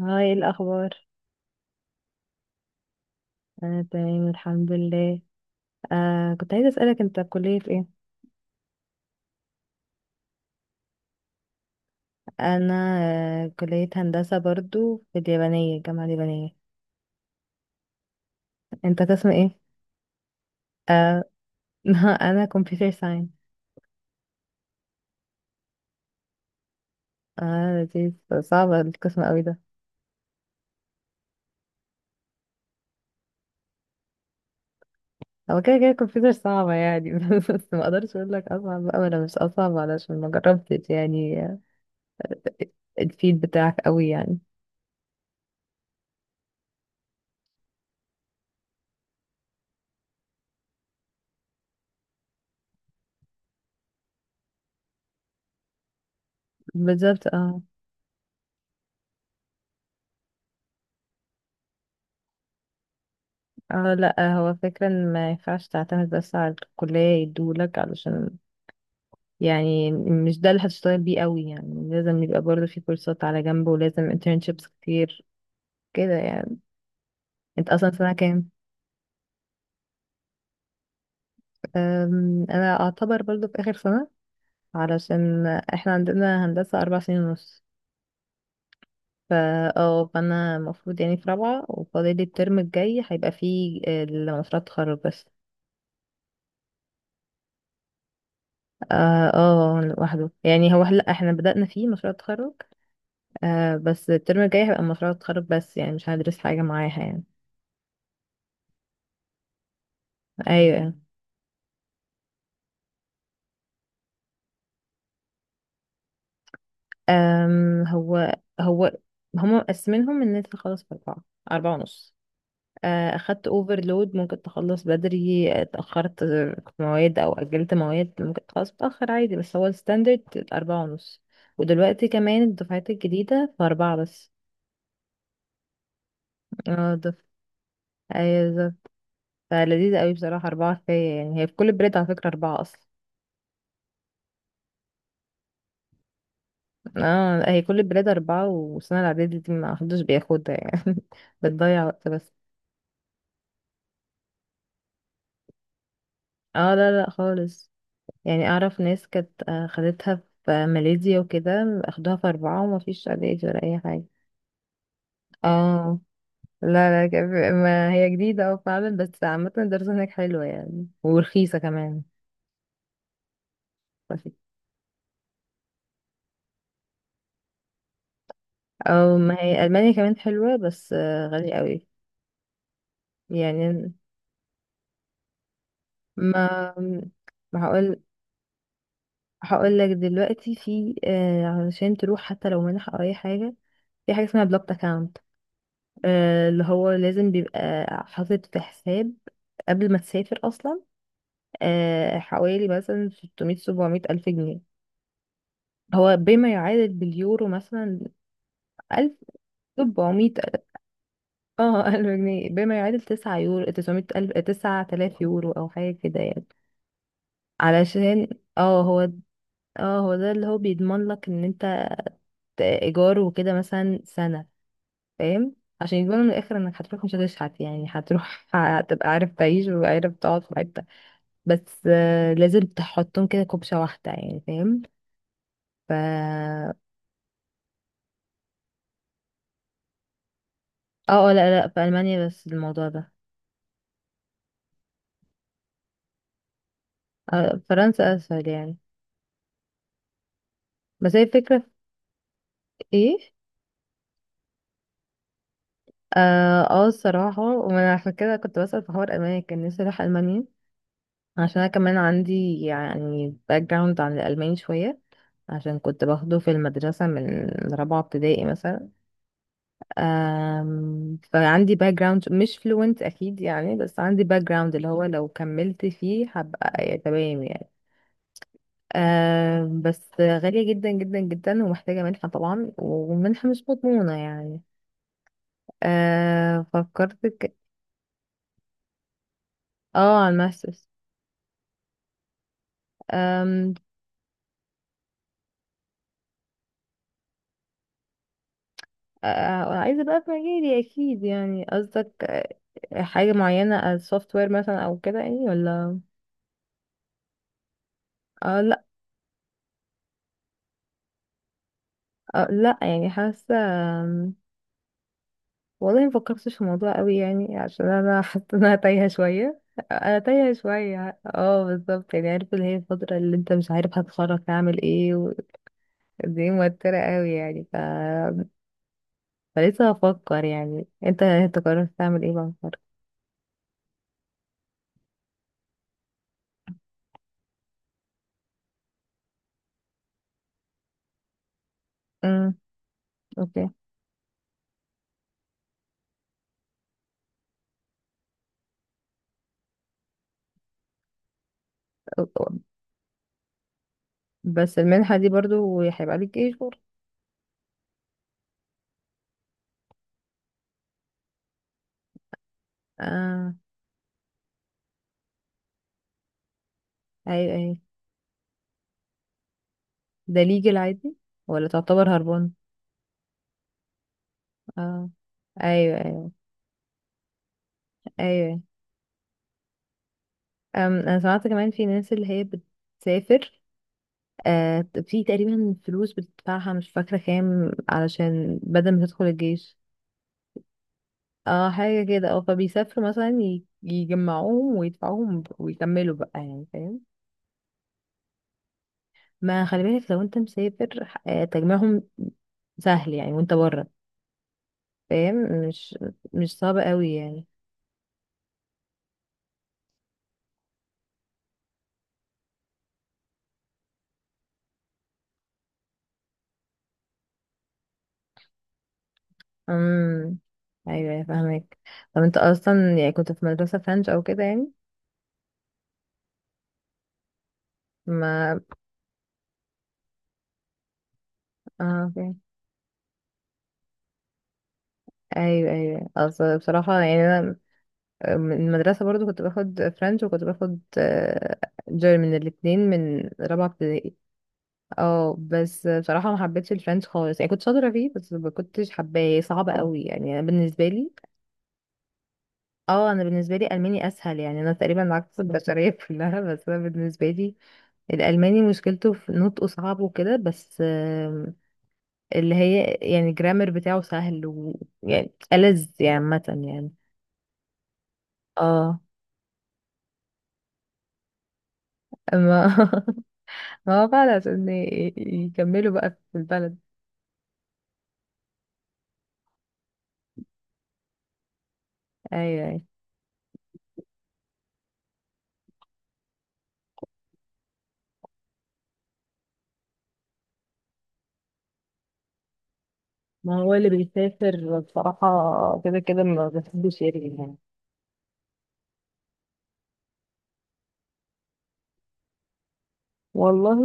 هاي، إيه الأخبار؟ أنا تمام الحمد لله. آه كنت عايزة أسألك، أنت كلية إيه؟ أنا آه كلية هندسة برضو في اليابانية، الجامعة اليابانية. أنت قسم إيه؟ آه أنا كمبيوتر ساينس. آه لذيذ. صعبة القسم أوي ده. هو كده كده كمبيوتر صعبة يعني بس ما أقدرش أقول لك أصعب بقى ولا مش أصعب علشان ما جربتش يعني الفيد بتاعك أوي يعني. بالظبط اه. اه لا هو فكرة ان ما ينفعش تعتمد بس على الكلية يدولك، علشان يعني مش ده اللي هتشتغل بيه قوي يعني، لازم يبقى برضه في كورسات على جنب ولازم internships كتير كده يعني. انت اصلا سنة كام؟ انا اعتبر برضه في اخر سنة، علشان احنا عندنا هندسة اربع سنين ونص. فا اه فانا المفروض يعني في رابعة، وفاضل لي الترم الجاي هيبقى فيه مشروع التخرج بس. اه. اه لوحده يعني هو، لا احنا بدأنا فيه مشروع التخرج، آه بس الترم الجاي هيبقى مشروع التخرج بس، يعني مش هندرس حاجة معاها يعني. ايوه. أم هو هو هما مقسمينهم ان انت تخلص في اربعة، اربعة ونص. اخدت اوفرلود ممكن تخلص بدري، اتأخرت في مواد او اجلت مواد ممكن تخلص متأخر عادي، بس هو الستاندرد اربعة ونص. ودلوقتي كمان الدفعات الجديدة في اربعة بس. اه دف... ايوه بالظبط. فلذيذة قوي بصراحة، اربعة كفاية يعني. هي في كل البلاد على فكرة اربعة اصلا. اه هي كل البلاد اربعة، والسنة الاعدادية دي ما حدش بياخدها يعني بتضيع وقت بس. اه لا لا خالص. يعني اعرف ناس كانت خدتها في ماليزيا وكده، اخدوها في اربعة وما فيش علاج ولا اي حاجة. اه. لا لا ك- ما هي جديدة اه فعلا، بس عامة الدراسة هناك حلوة يعني ورخيصة كمان. او ما هي المانيا كمان حلوة، بس غالية قوي يعني. ما ما هقول، هقول لك دلوقتي في آه، علشان تروح حتى لو منح او اي حاجة، في حاجة اسمها بلوكت اكاونت، اللي هو لازم بيبقى حاطط في حساب قبل ما تسافر اصلا، حوالي مثلا 600 700 ألف جنيه، هو بما يعادل باليورو مثلا. 1000. 700. اه 1000 جنيه بما يعادل 9 يورو، 900 ألف، 9000 يورو أو حاجة كده يعني. علشان اه هو اه هو ده اللي هو بيضمن لك ان انت ايجار وكده مثلا سنة، فاهم؟ عشان يضمنوا من الاخر انك هتروح مش هتشحت يعني، هتروح هتبقى عارف تعيش وعارف تقعد في حتة. بس لازم تحطهم كده كوبشة واحدة يعني، فاهم؟ ف اه لا لا في ألمانيا بس الموضوع ده. فرنسا أسهل يعني. بس هي الفكرة في ايه؟ اه الصراحة وانا عشان كده كنت بسأل في حوار ألمانيا، كان نفسي اروح ألمانيا، عشان انا كمان عندي يعني باك جراوند عن الألماني شوية، عشان كنت باخده في المدرسة من رابعة ابتدائي مثلا. فعندي باك جراوند، مش فلوينت أكيد يعني، بس عندي باك جراوند اللي هو لو كملت فيه هبقى تمام يعني. آه بس غالية جدا جدا جدا، ومحتاجة منحة طبعا، والمنحة مش مضمونة يعني. آه فكرت ك... اه على الماسترز. آم، آه عايزة بقى في مجالي أكيد يعني، قصدك حاجة معينة السوفت وير مثلا أو كده يعني ولا. آه لأ. آه لأ يعني حاسة، آم، والله مفكرتش في الموضوع قوي يعني، عشان أنا حاسة إن أنا تايهة شوية. انا تايهه شويه اه بالظبط، يعني عارف اللي هي الفتره اللي انت مش عارف هتخرج تعمل ايه، دي موترة قوي يعني فلسه هفكر يعني. انت قررت تعمل ايه بقى الفرق؟ امم اوكي. بس المنحة دي برضو هيبقى ليك ايه شهور؟ اه ايوه ايوه. ده ليجل عادي ولا تعتبر هربان؟ اه ايوه ايوه ايوه. أم انا سمعت كمان في ناس اللي هي بتسافر، آه في تقريبا فلوس بتدفعها مش فاكرة كام، علشان بدل ما تدخل الجيش. اه حاجة كده اه، فبيسافروا مثلا يجمعوهم ويدفعوهم ويكملوا بقى يعني، فاهم؟ ما خلي بالك لو انت مسافر تجميعهم سهل يعني وانت بره، فاهم؟ مش مش صعب قوي يعني. امم ايوه أيوة، فاهمك. طب انت اصلا يعني كنت في مدرسة فرنش او كده يعني؟ ما اه فاهم. ايوه ايوه. اصل بصراحة يعني انا من المدرسة برضو كنت باخد فرنش، وكنت باخد جيرمن، الاتنين من رابعة ابتدائي. اه بس بصراحة ما حبيتش الفرنش خالص يعني، كنت شاطرة فيه بس ما كنتش حباه، صعب قوي يعني انا بالنسبة لي. اه انا بالنسبة لي الماني اسهل يعني، انا تقريبا عكس البشرية كلها، بس انا بالنسبة لي الالماني مشكلته في نطقه صعب وكده، بس آم، اللي هي يعني الجرامر بتاعه سهل ويعني ألذ يعني عامة يعني. اه ما ما هو فعلا عشان يكملوا بقى في البلد. ايوه ايوه. ما هو اللي بيسافر بصراحة كده كده ما بحبش يرجع يعني. والله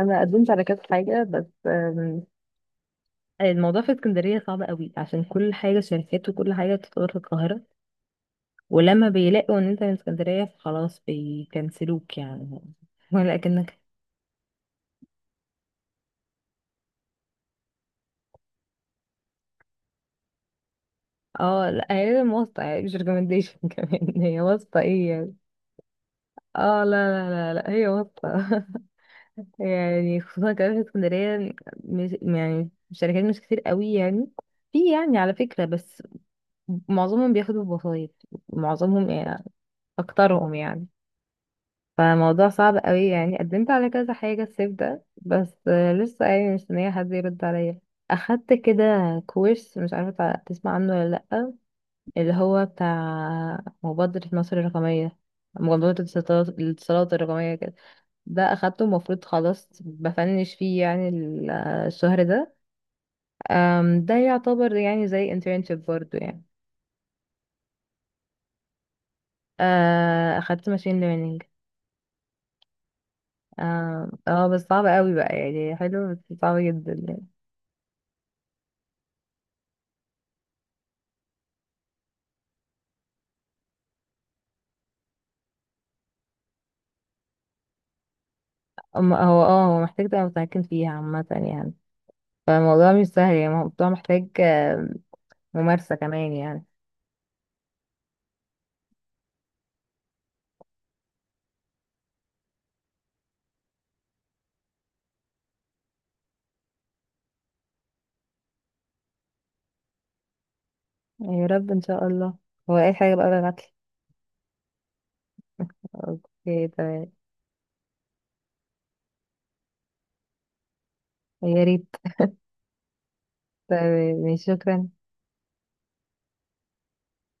انا قدمت على كذا حاجه، بس آم، الموضوع في اسكندريه صعب قوي، عشان كل حاجه شركات وكل حاجه بتتطور في القاهره، ولما بيلاقوا ان انت من اسكندريه فخلاص بيكنسلوك يعني ولكنك. اه لا هي واسطه يعني مش ريكومنديشن كمان، هي واسطه ايه يعني. اه لا لا لا لا هي واسطه يعني. خصوصا كمان في اسكندريه مش يعني الشركات مش كتير قوي يعني، في يعني على فكره، بس معظمهم بياخدوا بوسايط، معظمهم يعني، اكترهم يعني. فالموضوع صعب قوي يعني، قدمت على كذا حاجة الصيف ده، بس لسه يعني مستنية حد يرد عليا. اخدت كده كورس، مش عارفة تسمع عنه ولا لأ، اللي هو بتاع مبادرة مصر الرقمية، مبادرة الاتصالات، الرقمية كده. ده اخدته المفروض خلاص بفنش فيه يعني، الشهر ده. آم، ده يعتبر يعني زي internship برضو يعني. اخدت ماشين learning. اه اه بس صعب قوي بقى يعني، حلو بس صعب جدا يعني. اما هو اه هو محتاج تبقى متمكن فيها عامة يعني، فالموضوع مش سهل يعني، الموضوع محتاج ممارسة كمان يعني. يا رب ان شاء الله، هو اي حاجة بقى بالعدل. اوكي تمام. يا ريت. تمام ماشي، شكرا.